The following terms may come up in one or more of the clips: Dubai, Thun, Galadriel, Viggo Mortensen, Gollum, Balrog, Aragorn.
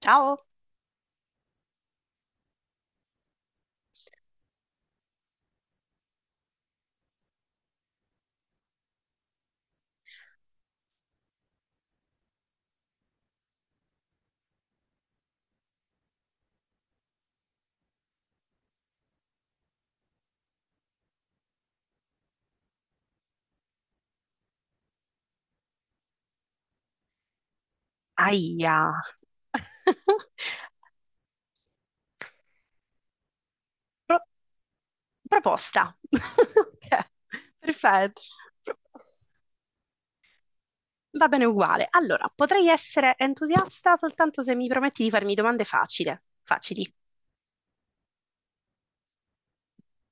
Ciao. Aia. Pro- proposta. Ok, perfetto. Pro- Va bene uguale. Allora, potrei essere entusiasta soltanto se mi prometti di farmi domande facili. Facili.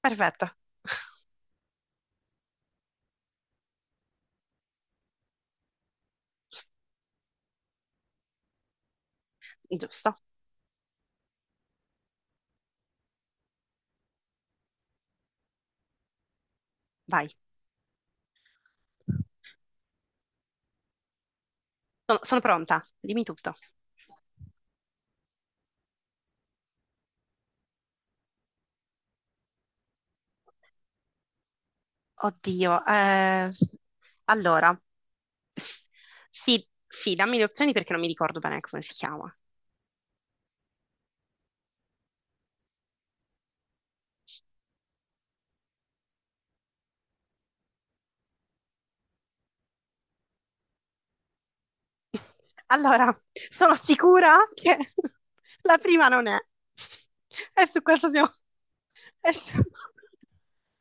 Perfetto. Giusto. Vai. Sono pronta. Dimmi tutto. Oddio. Allora. S- Sì, sì, dammi le opzioni perché non mi ricordo bene come si chiama. Allora, sono sicura che la prima non è. E su questo siamo... E su,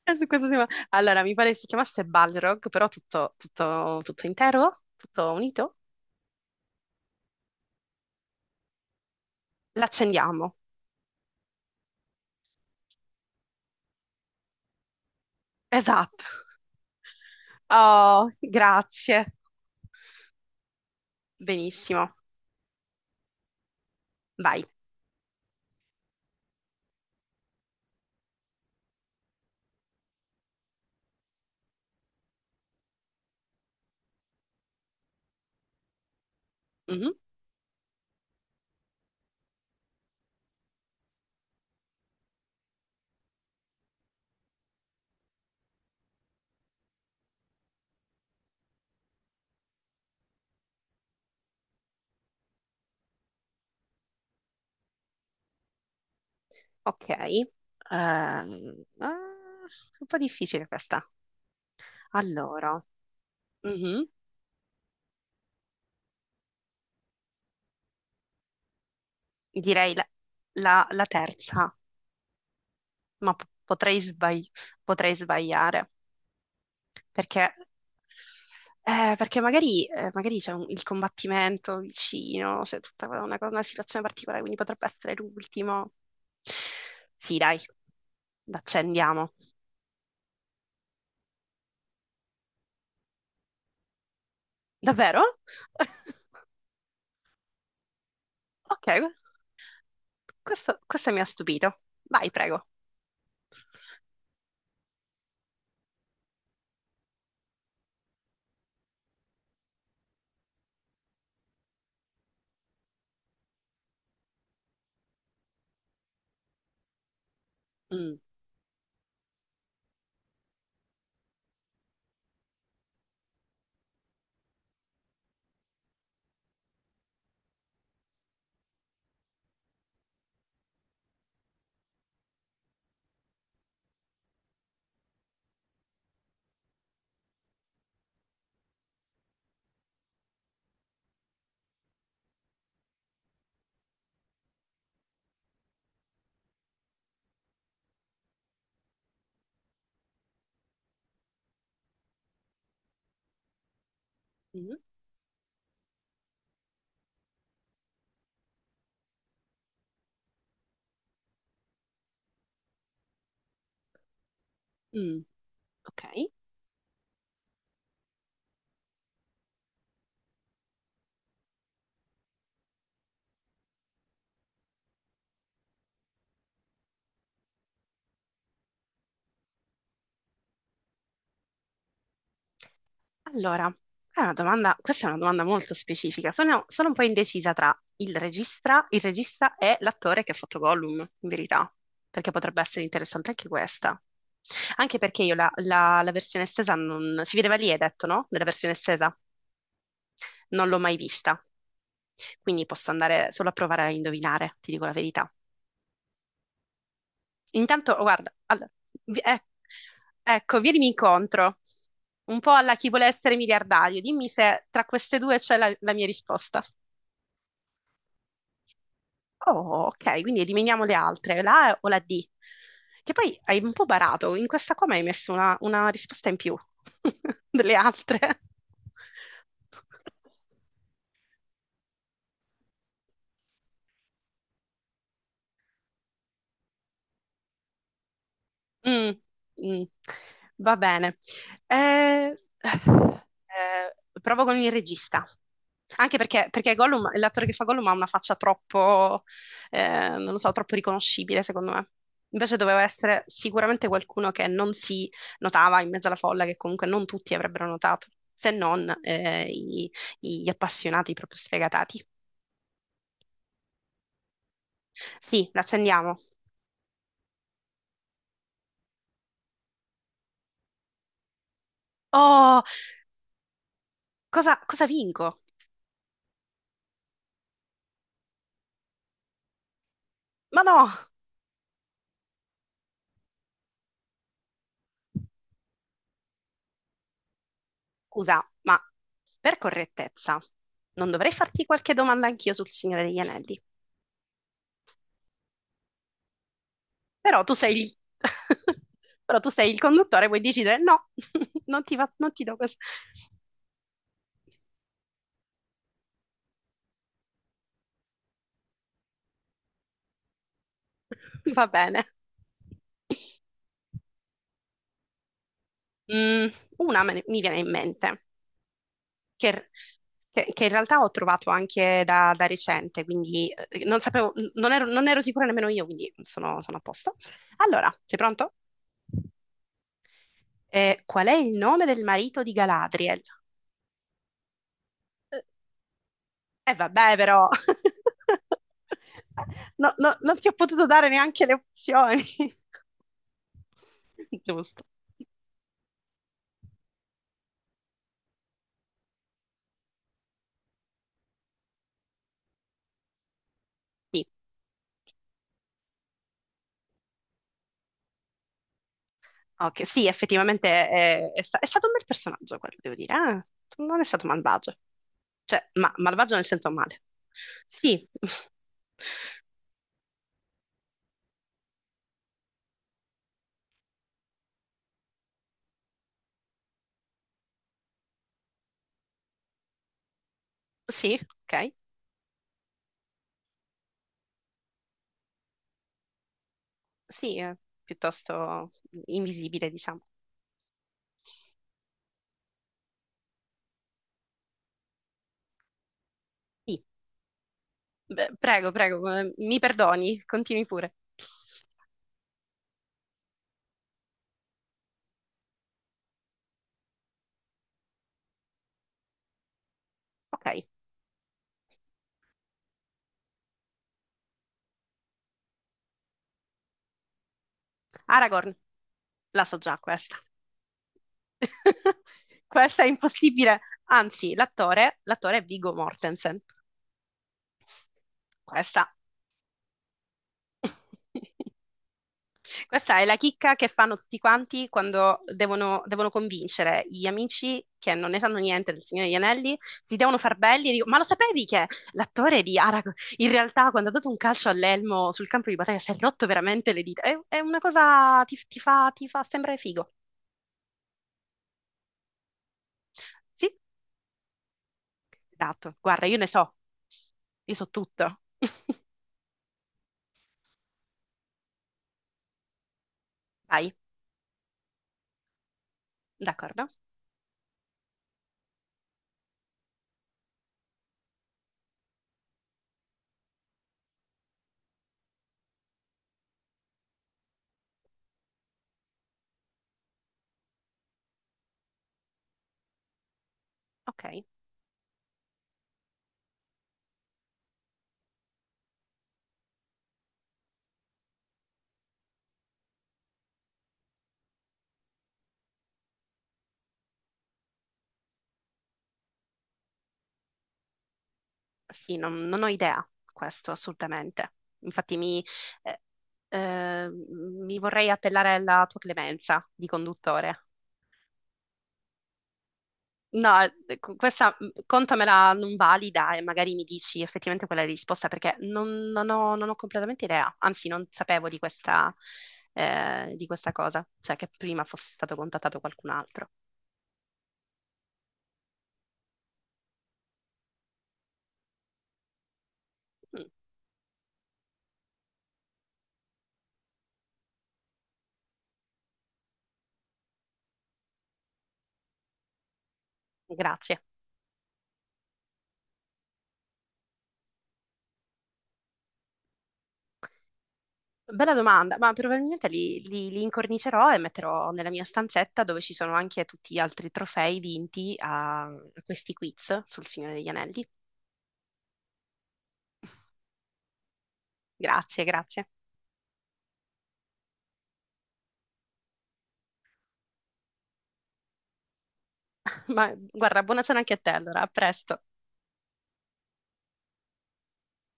e su questo siamo... Allora, mi pare si chiamasse Balrog, però tutto intero, tutto unito. L'accendiamo. Esatto. Oh, grazie. Benissimo. Vai. Mhm. Ok. Ehm, ah, un po' difficile questa. Allora, mhm, direi la terza, ma potrei sbagliare, perché magari c'è il combattimento vicino, c'è tutta una situazione particolare, quindi potrebbe essere l'ultimo. Sì, dai, l'accendiamo. Davvero? Ok, questo mi ha stupito. Vai, prego. Mm, mm, mm, ok. Allora, è una domanda, questa è una domanda molto specifica. Sono un po' indecisa tra il regista e l'attore che ha fatto Gollum, in verità, perché potrebbe essere interessante anche questa. Anche perché io la versione estesa non... Si vedeva lì, hai detto, no? Nella versione estesa. Non l'ho mai vista, quindi posso andare solo a provare a indovinare, ti dico la verità. Intanto, oh, guarda, allora, vi- eh, ecco, vienimi incontro, un po' alla chi vuole essere miliardario. Dimmi se tra queste due c'è la mia risposta. Oh, ok, quindi eliminiamo le altre, la A o la D. Che poi hai un po' barato, in questa qua mi hai messo una risposta in più delle altre. Mm, mm, va bene. Eh, eh, provo con il regista. Perché l'attore che fa Gollum ha una faccia troppo, non lo so, troppo riconoscibile, secondo me. Invece doveva essere sicuramente qualcuno che non si notava in mezzo alla folla, che comunque non tutti avrebbero notato, se non gli appassionati proprio sfegatati. Sì, l'accendiamo. Oh, cosa vinco? Ma no! Scusa, ma per correttezza, non dovrei farti qualche domanda anch'io sul Signore degli Anelli, però tu sei il, però tu sei il conduttore, puoi decidere no, non ti do questo. Va bene. Mm, una mi viene in mente, che, che in realtà ho trovato anche da recente, quindi non sapevo, non ero sicura nemmeno io, quindi sono a posto. Allora, sei pronto? Qual è il nome del marito di Galadriel? E vabbè, però no, no, non ti ho potuto dare neanche le opzioni. Giusto. Sì, ok, sì, effettivamente è stato un bel personaggio quello, devo dire. Eh. Non è stato malvagio. Cioè, malvagio nel senso male. Sì, sì, ok. Sì, è piuttosto invisibile, diciamo. Sì. Beh, prego, mi perdoni, continui pure. Ok, Aragorn, la so già questa. Questa è impossibile. Anzi, l'attore è Viggo Mortensen. Questa. Questa è la chicca che fanno tutti quanti quando devono, devono convincere gli amici che non ne sanno niente del Signore degli Anelli, si devono far belli e dico, ma lo sapevi che l'attore di Aragorn in realtà quando ha dato un calcio all'elmo sul campo di battaglia si è rotto veramente le dita? È una cosa, ti fa sembrare figo. Sì, esatto, guarda, io ne so, io so tutto. Vai. D'accordo? Ok. Sì, non ho idea, questo assolutamente. Infatti mi, eh, mi vorrei appellare alla tua clemenza di conduttore. No, questa mm, contamela non valida e magari mi dici effettivamente qual è la risposta perché non ho, non ho completamente idea, anzi non sapevo di questa cosa, cioè che prima fosse stato contattato qualcun altro. Mm, grazie. Bella domanda, ma probabilmente li incornicerò e metterò nella mia stanzetta dove ci sono anche tutti gli altri trofei vinti a a questi quiz sul Signore degli Anelli. Grazie, grazie. Ma guarda, buona cena anche a te allora, a presto.